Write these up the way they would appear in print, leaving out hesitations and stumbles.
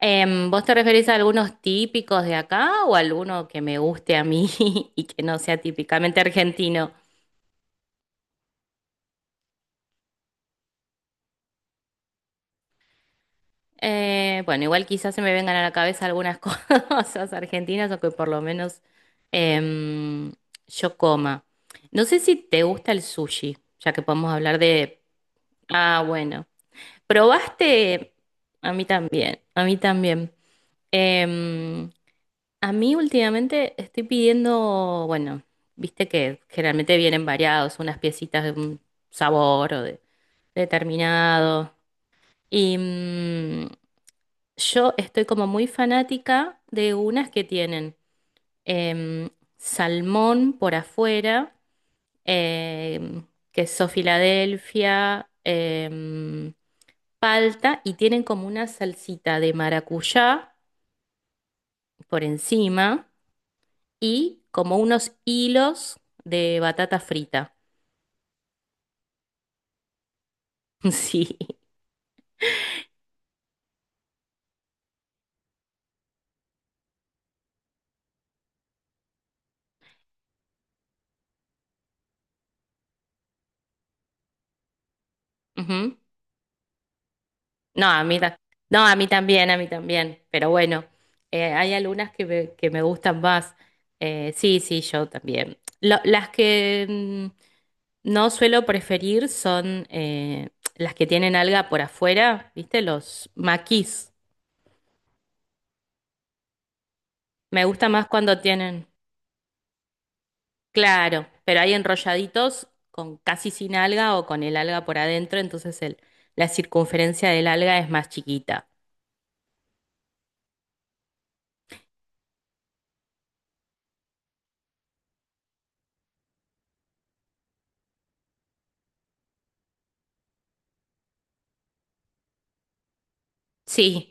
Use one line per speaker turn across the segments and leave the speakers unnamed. ¿Vos te referís a algunos típicos de acá o alguno que me guste a mí y que no sea típicamente argentino? Bueno, igual quizás se me vengan a la cabeza algunas cosas argentinas o que por lo menos em, yo coma. No sé si te gusta el sushi, ya que podemos hablar de... Ah, bueno. ¿Probaste? A mí también, a mí también. Em, A mí últimamente estoy pidiendo, bueno, viste que generalmente vienen variados, unas piecitas de un sabor o de determinado. Y yo estoy como muy fanática de unas que tienen em, salmón por afuera, em, queso Filadelfia, palta y tienen como una salsita de maracuyá por encima, y como unos hilos de batata frita. Sí. Ujú. No, a mí, no, a mí también, a mí también. Pero bueno, hay algunas que que me gustan más. Sí, sí, yo también. Las que no suelo preferir son las que tienen alga por afuera, ¿viste? Los maquis. Me gusta más cuando tienen. Claro, pero hay enrolladitos con casi sin alga o con el alga por adentro, entonces la circunferencia del alga es más chiquita. Sí,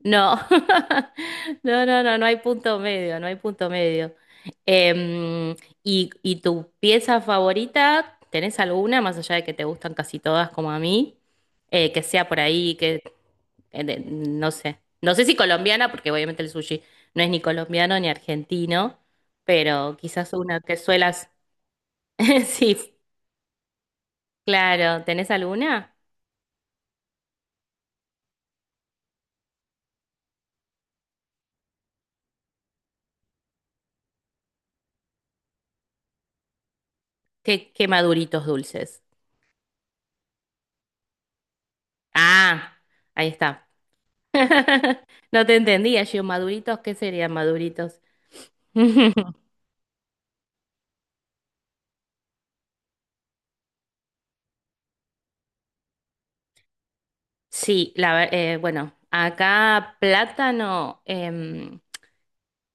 no, no, no, no, no hay punto medio, no hay punto medio. Em, y tu pieza favorita? ¿Tenés alguna, más allá de que te gustan casi todas como a mí? Que sea por ahí, no sé. No sé si colombiana, porque obviamente el sushi no es ni colombiano ni argentino, pero quizás una que suelas. Sí, claro. ¿Tenés alguna? ¿Qué, qué maduritos dulces? Ah, ahí está. No te entendía, yo, maduritos, ¿qué serían maduritos? Sí, bueno, acá plátano,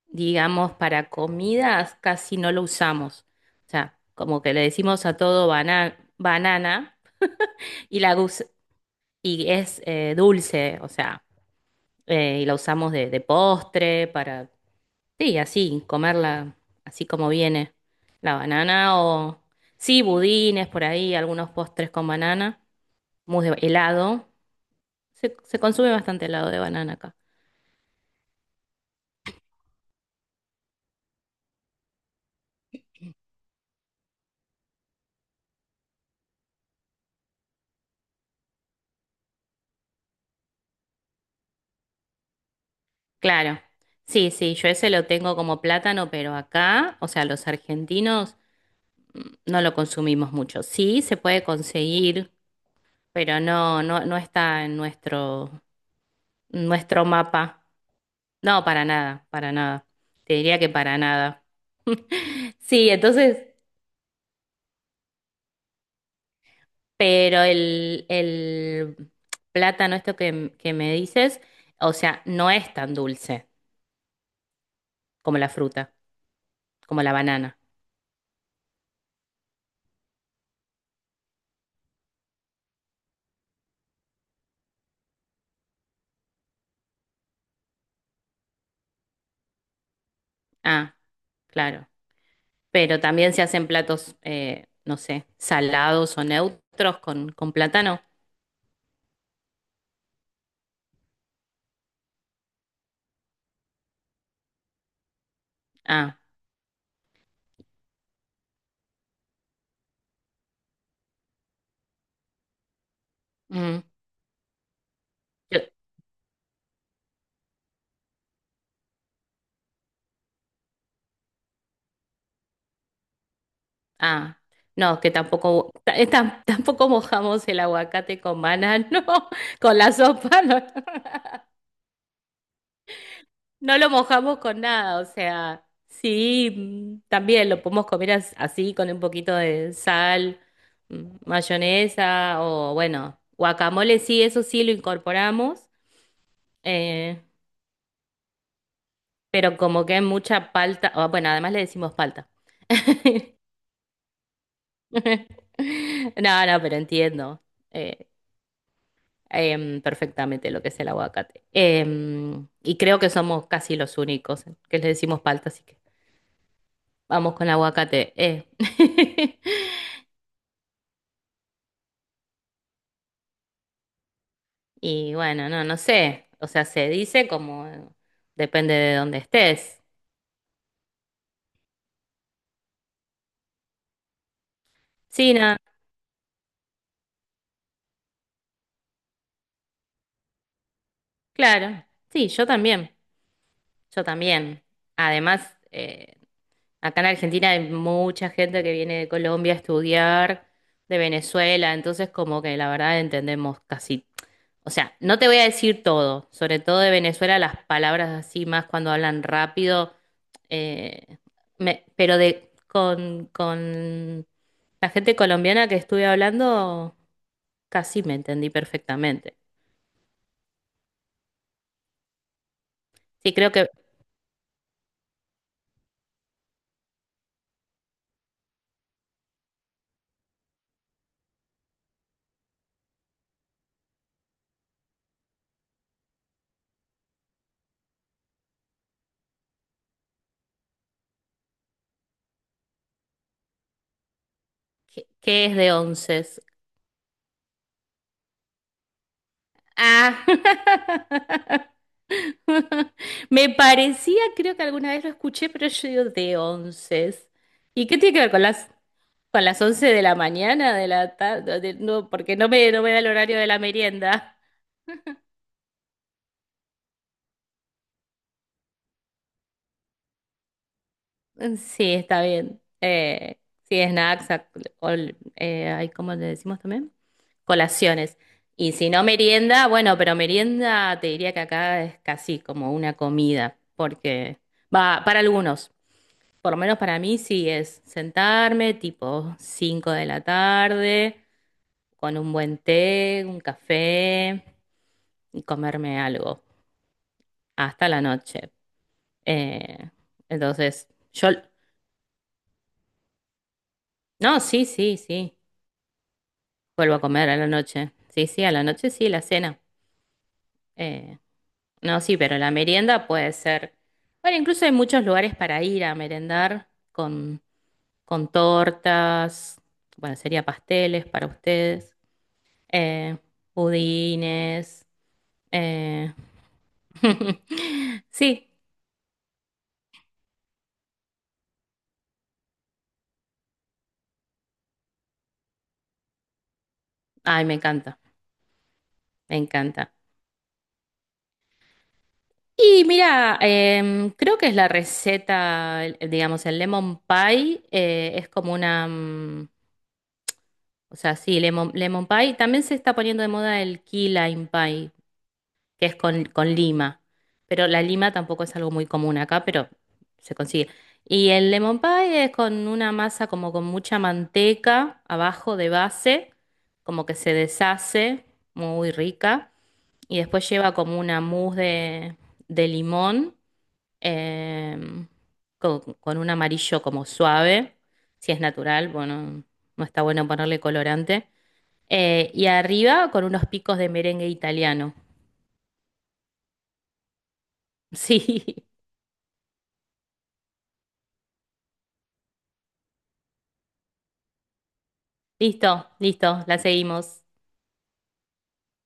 digamos, para comidas casi no lo usamos. O sea, como que le decimos a todo banana y, la gus- y es dulce, o sea, y la usamos de postre para, sí, así, comerla así como viene la banana o, sí, budines por ahí, algunos postres con banana, mousse de helado. Se consume bastante helado de banana acá. Claro. Sí, sí, yo ese lo tengo como plátano, pero acá, o sea, los argentinos mm, no lo consumimos mucho. Sí, se puede conseguir, pero no está en nuestro mapa. No, para nada, para nada. Te diría que para nada. Sí, entonces, pero el plátano, esto que me dices, o sea, no es tan dulce como la fruta, como la banana. Ah, claro. Pero también se hacen platos, no sé, salados o neutros con plátano. Ah, mm, yo- ah, no, que tampoco, tampoco mojamos el aguacate con banano, con la sopa, no, no lo mojamos con nada. O sea, sí, mm, también lo podemos comer así, con un poquito de sal, mm, mayonesa o bueno, guacamole, sí, eso sí lo incorporamos. eh, pero como que hay mucha palta, o, bueno, además le decimos palta. No, no, pero entiendo eh, perfectamente lo que es el aguacate. Y creo que somos casi los únicos que le decimos palta, así que vamos con aguacate. Eh. Y bueno, no, no sé. O sea, se dice como depende de dónde estés. Sí, no, claro. Sí, yo también. Yo también. Además, acá en Argentina hay mucha gente que viene de Colombia a estudiar, de Venezuela, entonces como que la verdad entendemos casi, o sea, no te voy a decir todo, sobre todo de Venezuela, las palabras así más cuando hablan rápido, eh, pero con la gente colombiana que estuve hablando, casi me entendí perfectamente. Sí, creo que, que es de 11. Ah. Me parecía, creo que alguna vez lo escuché, pero yo digo de 11. ¿Y qué tiene que ver con las con las 11 de la mañana, de la tarde? No, porque no no me da el horario de la merienda. Sí, está bien. Sí, snacks, ay, ¿cómo le decimos también? Colaciones. Y si no merienda, bueno, pero merienda te diría que acá es casi como una comida, porque va, para algunos. Por lo menos para mí sí es sentarme tipo 5 de la tarde, con un buen té, un café y comerme algo hasta la noche. Eh, entonces, yo... No, sí, sí, sí. Vuelvo a comer a la noche. Sí, sí, a la noche sí, la cena. Eh, no, sí, pero la merienda puede ser... Bueno, incluso hay muchos lugares para ir a merendar con tortas. Bueno, sería pasteles para ustedes. Eh, pudines. Eh, sí, ay, me encanta, me encanta. Y mira, creo que es la receta, digamos, el lemon pie es como una, o sea, sí, lemon pie. También se está poniendo de moda el key lime pie, que es con lima. Pero la lima tampoco es algo muy común acá, pero se consigue. Y el lemon pie es con una masa como con mucha manteca abajo de base, como que se deshace, muy rica. Y después lleva como una mousse de limón, em, con un amarillo como suave, si es natural, bueno, no está bueno ponerle colorante. Y arriba con unos picos de merengue italiano. Sí. Listo, listo, la seguimos.